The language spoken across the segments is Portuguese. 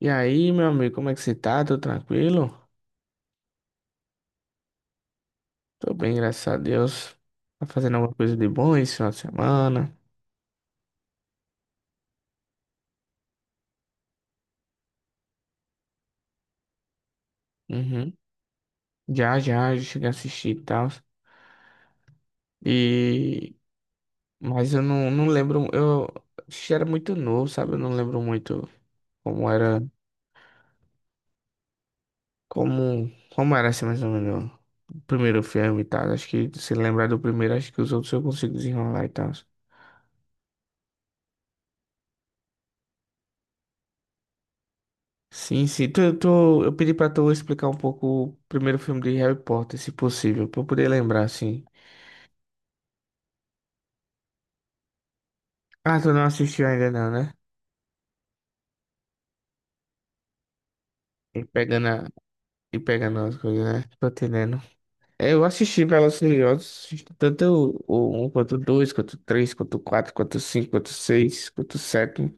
E aí, meu amigo, como é que você tá? Tô tranquilo? Tô bem, graças a Deus. Tá fazendo alguma coisa de bom esse final de semana? Uhum. Já cheguei a assistir e tal. E... Mas eu não lembro, eu assisti era muito novo, sabe? Eu não lembro muito como era, como era assim mais ou menos o primeiro filme e tal. Acho que se lembrar do primeiro, acho que os outros eu consigo desenrolar e tal. Sim, sim. Tu, Eu, tô eu pedi pra tu explicar um pouco o primeiro filme de Harry Potter, se possível, pra eu poder lembrar, assim. Ah, tu não assistiu ainda não, né? E pegando, a, e pegando as coisas, né? Tô entendendo. É, eu assisti Velozes e Furiosos, assisti tanto o um quanto o 2, quanto o 3, quanto o 4, quanto o 5, quanto o 6, quanto o 7.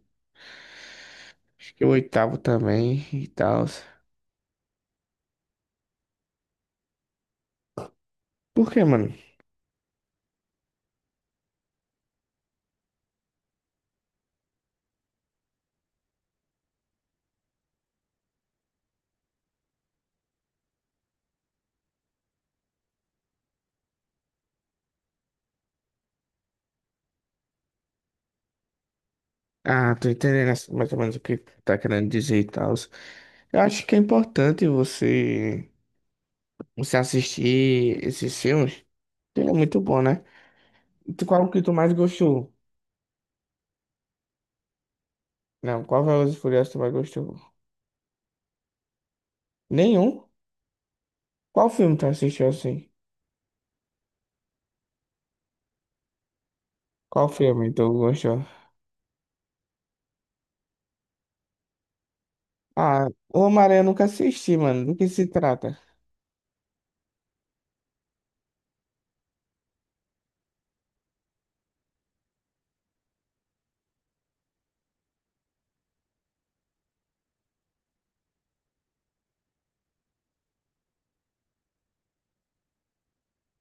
Acho que o oitavo também e tal. Por quê, mano? Ah, tô entendendo assim, mais ou menos o que tá querendo dizer e tal. Eu acho que é importante você assistir esses filmes, ele é muito bom, né? E qual que tu mais gostou? Não, qual Velozes e Furiosos tu mais gostou? Nenhum? Qual filme tu assistiu assim? Qual filme tu gostou? Ah, o Homem-Aranha eu nunca assisti, mano. Do que se trata?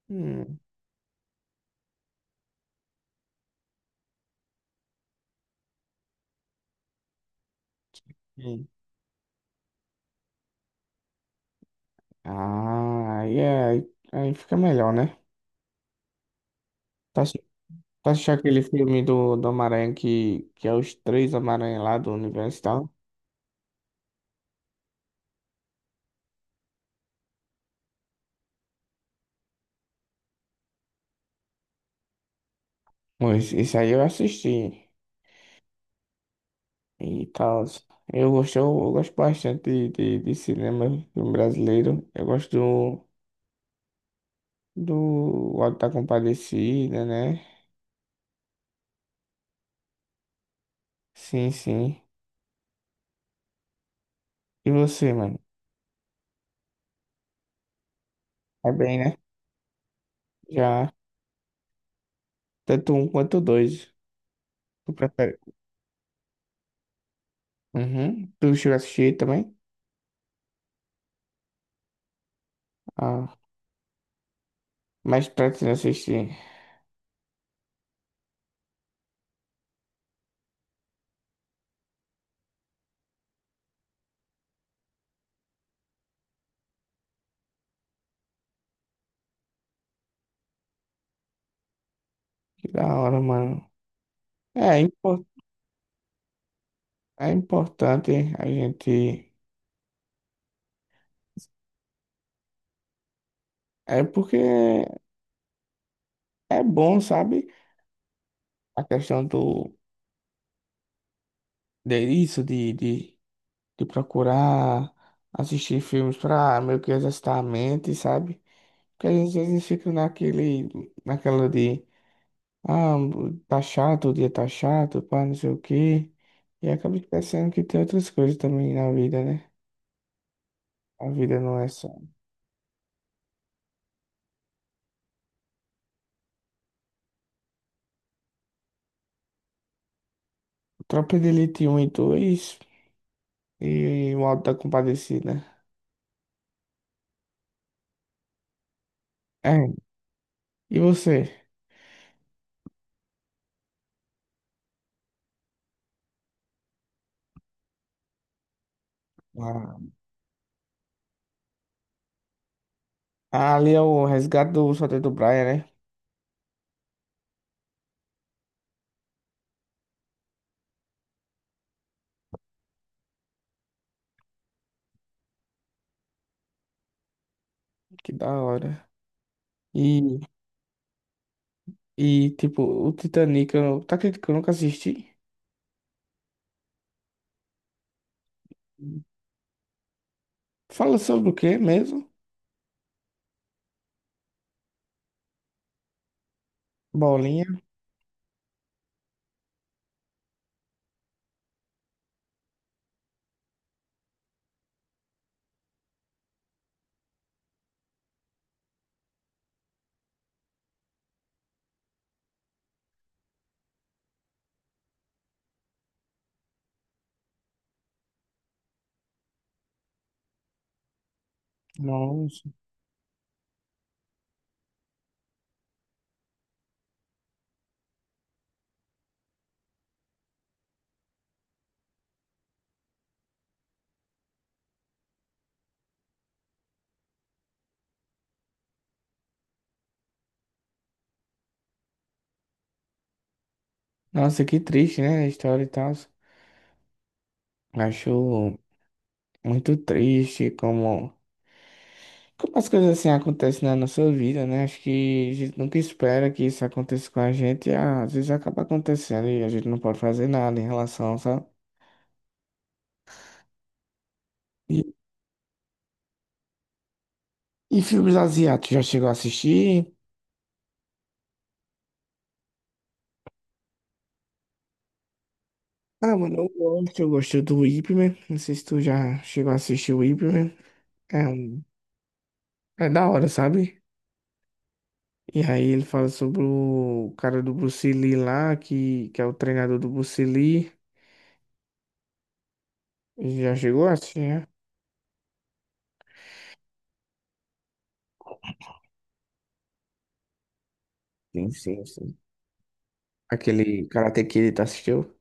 Hum. Hum. Ah, aí fica melhor, né? Tá, tá assistindo aquele filme do Homem-Aranha que é os três Homem-Aranha lá do universo e tal? Pois, isso aí eu assisti e tal. Eu gosto bastante de cinema filme brasileiro. Eu gosto do Auto da Compadecida, né? Sim, sim. E você, mano? Tá bem, né? Já, tanto um quanto dois. Tu prefere? Uhum. Tu chegou a assistir também? Ah, mas pretende assistir. Que da hora, mano. É, é importante a gente. É porque é bom, sabe? A questão do. De isso, de procurar assistir filmes para meio que exercitar a mente, sabe? Porque às vezes a gente fica naquele, naquela de, ah, tá chato, o dia tá chato, pá, não sei o quê. E acaba esquecendo que tem outras coisas também na vida, né? A vida não é só. Tropa de Elite 1 e 2 e o Auto da Compadecida. É. E você? Ah, ali é o resgate do Soldado do Brian, né? Que da hora. e E, tipo, o Titanic, tá acreditando que eu nunca assisti? Fala sobre o quê mesmo? Bolinha? Nossa. Nossa, que triste, né? A história e tal. Acho muito triste como as coisas assim acontecem na nossa vida, né? Acho que a gente nunca espera que isso aconteça com a gente. E, às vezes acaba acontecendo e a gente não pode fazer nada em relação, sabe? E, e filmes asiáticos, já chegou a assistir? Ah, mano, eu gosto do Ip Man. Não sei se tu já chegou a assistir o Ip Man. É, é da hora, sabe? E aí ele fala sobre o cara do Bruce Lee lá, que é o treinador do Bruce Lee. Já chegou assim, né? Sim, sim, sim. Aquele Karate Kid, tá assistiu?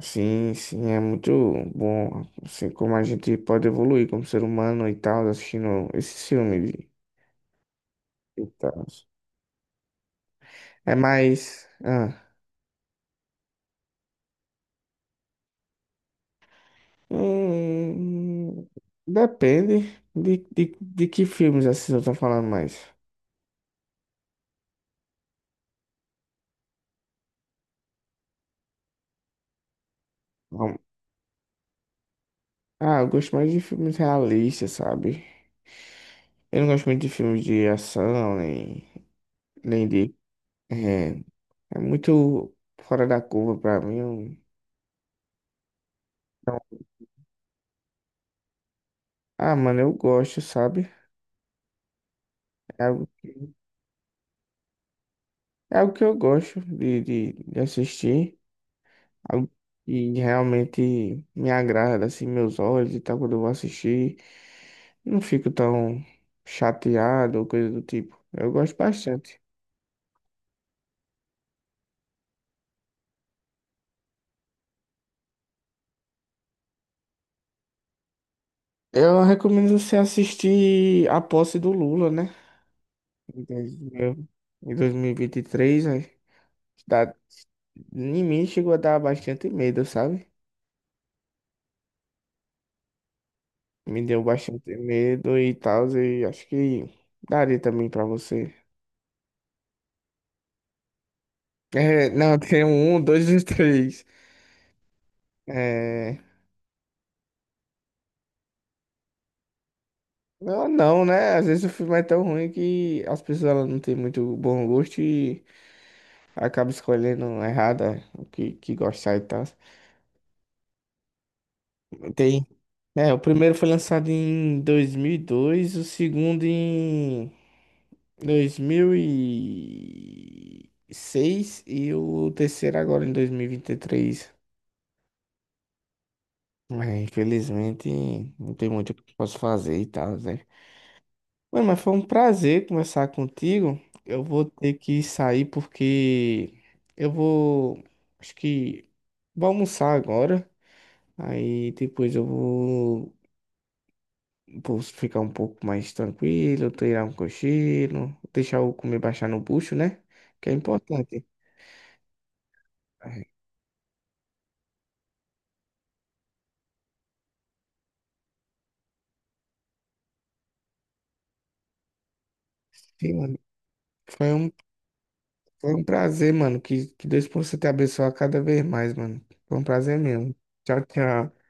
Sim, sim, é muito bom, assim, como a gente pode evoluir como ser humano e tal, assistindo esse filme. E tal. Ah, hum, depende de que filmes assim eu tô falando mais. Ah, eu gosto mais de filmes realistas, sabe? Eu não gosto muito de filmes de ação, nem de. É, é muito fora da curva pra mim. Não. Ah, mano, eu gosto, sabe? É algo que, é algo que eu gosto de assistir. Algo que realmente me agrada, assim, meus olhos e tal, quando eu vou assistir. Não fico tão chateado ou coisa do tipo. Eu gosto bastante. Eu recomendo você assistir A Posse do Lula, né? Em dois mil- em 2023, né, dá, em mim chegou a dar bastante medo, sabe? Me deu bastante medo e tal, e acho que daria também pra você. É, não, tem um, dois e três. É, não, não, né? Às vezes o filme é tão ruim que as pessoas elas não têm muito bom gosto e acabam escolhendo errada o que gostar e tal. Tem, é, o primeiro foi lançado em 2002, o segundo em 2006 e seis e o terceiro agora em dois mil e vinte e três. É, infelizmente, não tem muito o que eu posso fazer e tal, né? Mano, mas foi um prazer conversar contigo. Eu vou ter que sair porque eu vou, acho que vou almoçar agora. Aí depois eu vou ficar um pouco mais tranquilo, tirar um cochilo, deixar o comer baixar no bucho, né? Que é importante. É, sim, mano. Foi um, foi um prazer, mano. Que Deus possa te abençoar cada vez mais, mano. Foi um prazer mesmo. Tchau, tchau.